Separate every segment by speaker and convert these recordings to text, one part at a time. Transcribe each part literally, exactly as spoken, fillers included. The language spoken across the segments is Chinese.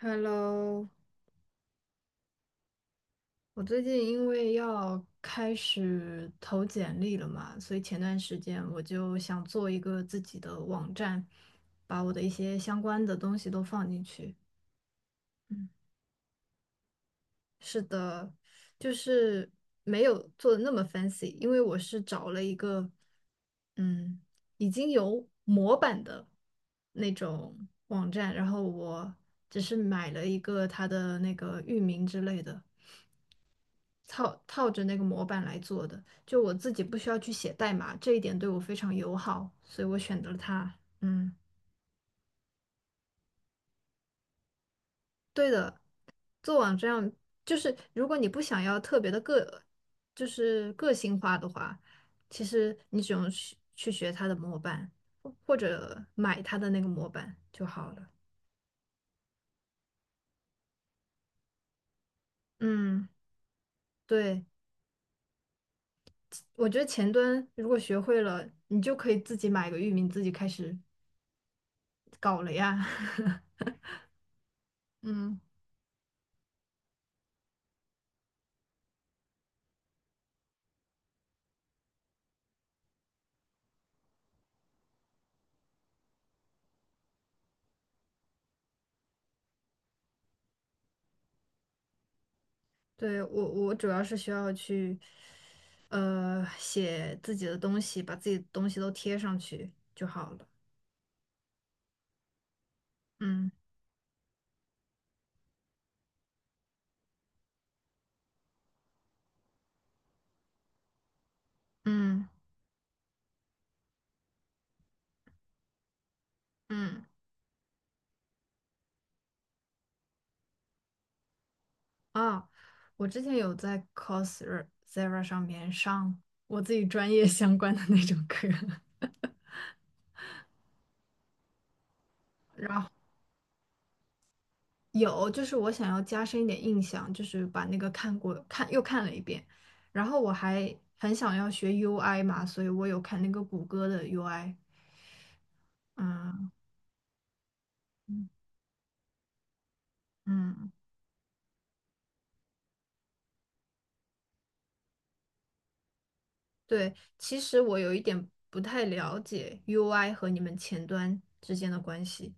Speaker 1: Hello,我最近因为要开始投简历了嘛，所以前段时间我就想做一个自己的网站，把我的一些相关的东西都放进去。嗯，是的，就是没有做的那么 fancy，因为我是找了一个嗯已经有模板的那种网站，然后我只是买了一个它的那个域名之类的。套套着那个模板来做的，就我自己不需要去写代码，这一点对我非常友好，所以我选择了它。嗯，对的，做网站就是如果你不想要特别的个，就是个性化的话，其实你只用去去学它的模板，或或者买它的那个模板就好了。嗯，对，我觉得前端如果学会了，你就可以自己买个域名，自己开始搞了呀。嗯。对，我我主要是需要去，呃，写自己的东西，把自己的东西都贴上去就好了。嗯嗯嗯，啊，我之前有在 Coursera 上面上我自己专业相关的那种课，然后有就是我想要加深一点印象，就是把那个看过看又看了一遍，然后我还很想要学 U I 嘛，所以我有看那个谷歌的 U I，嗯嗯。嗯对，其实我有一点不太了解 U I 和你们前端之间的关系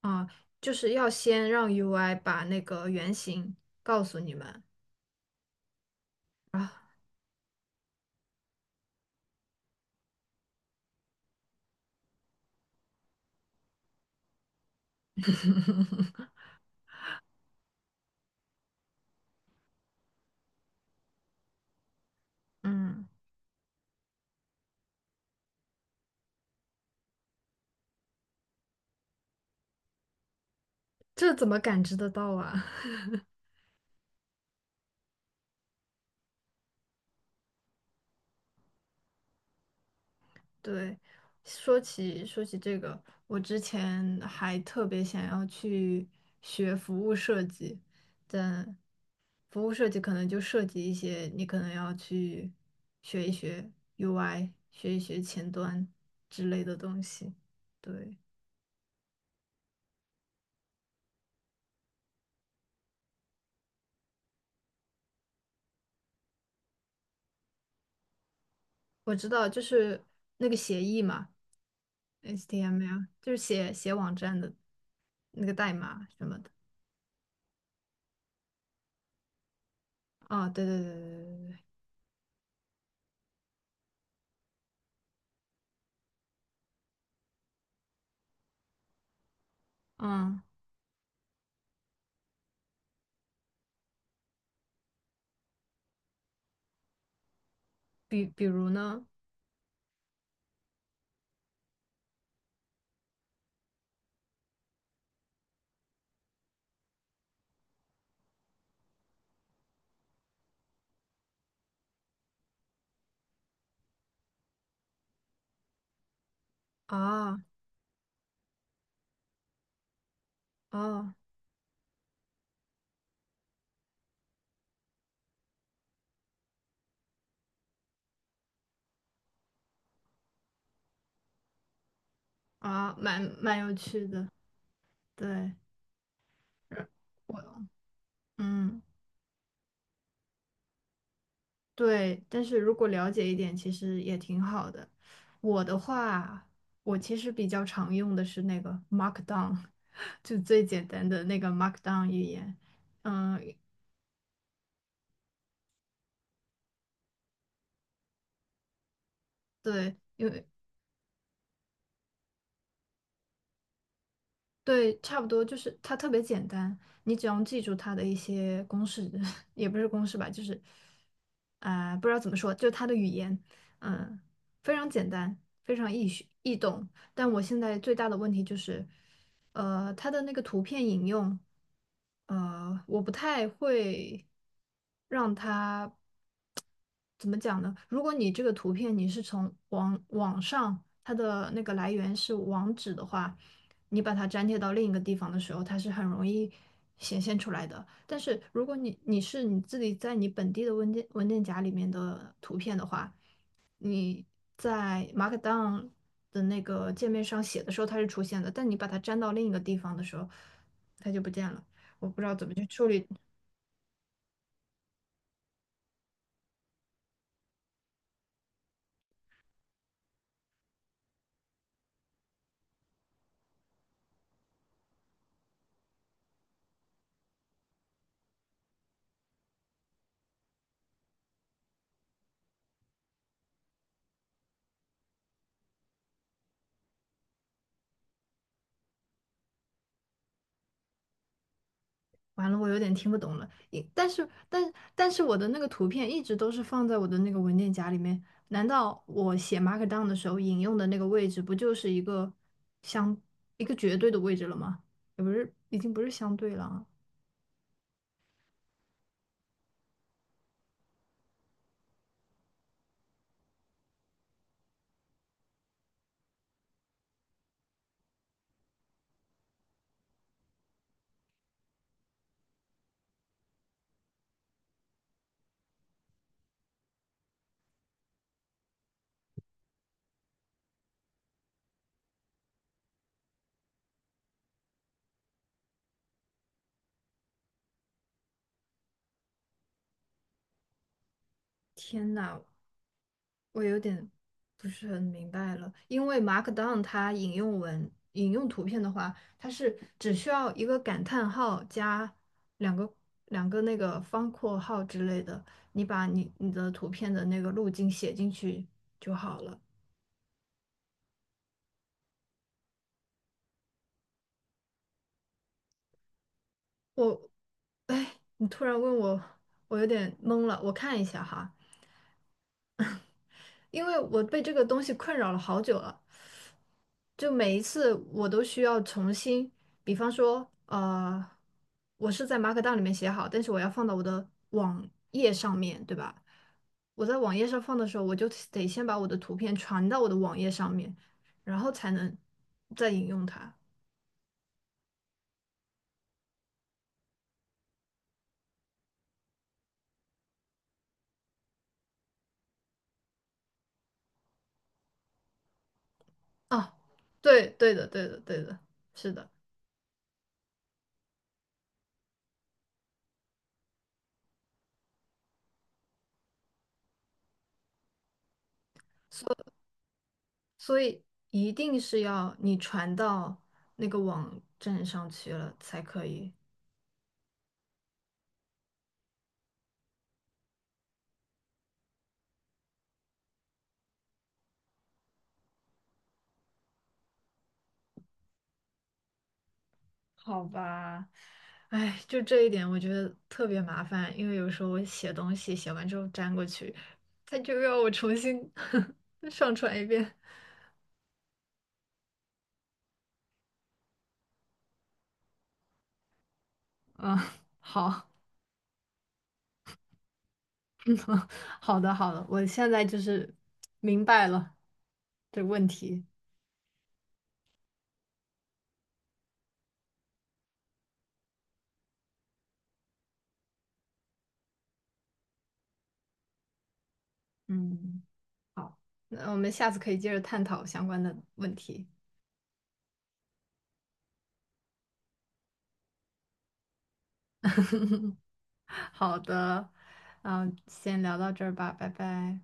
Speaker 1: 啊，就是要先让 U I 把那个原型告诉你们啊 嗯，这怎么感知得到啊？对，说起说起这个，我之前还特别想要去学服务设计，但服务设计可能就涉及一些你可能要去学一学 U I，学一学前端之类的东西。对，我知道，就是那个协议嘛，H T M L，就是写写网站的那个代码什么的。啊，对对对对对对，对，嗯，比比如呢，啊哦啊，蛮蛮有趣的，对，是我嗯。对，但是如果了解一点，其实也挺好的。我的话，我其实比较常用的是那个 Markdown,就最简单的那个 Markdown 语言。嗯，对，因为。对，差不多就是它特别简单，你只要记住它的一些公式，也不是公式吧，就是啊、呃不知道怎么说，就是它的语言，嗯，非常简单，非常易学易懂。但我现在最大的问题就是，呃，它的那个图片引用，呃，我不太会让它怎么讲呢？如果你这个图片你是从网网上，它的那个来源是网址的话，你把它粘贴到另一个地方的时候，它是很容易显现出来的。但是如果你你是你自己在你本地的文件文件夹里面的图片的话，你在 Markdown 的那个界面上写的时候它是出现的，但你把它粘到另一个地方的时候，它就不见了。我不知道怎么去处理完了，我有点听不懂了。一但是，但但是我的那个图片一直都是放在我的那个文件夹里面。难道我写 Markdown 的时候引用的那个位置，不就是一个相一个绝对的位置了吗？也不是，已经不是相对了啊。天呐，我有点不是很明白了，因为 Markdown 它引用文引用图片的话，它是只需要一个感叹号加两个两个那个方括号之类的，你把你你的图片的那个路径写进去就好了。我，哎，你突然问我，我有点懵了。我看一下哈，因为我被这个东西困扰了好久了，就每一次我都需要重新，比方说，呃，我是在马可 k 里面写好，但是我要放到我的网页上面，对吧？我在网页上放的时候，我就得先把我的图片传到我的网页上面，然后才能再引用它。啊，对，对的，对的，对的，是的，所以一定是要你传到那个网站上去了才可以。好吧，哎，就这一点我觉得特别麻烦，因为有时候我写东西写完之后粘过去，他就要我重新 上传一遍。嗯，好，嗯，好的，好的，我现在就是明白了这问题。嗯，好，那我们下次可以接着探讨相关的问题。好的，嗯，先聊到这儿吧，拜拜。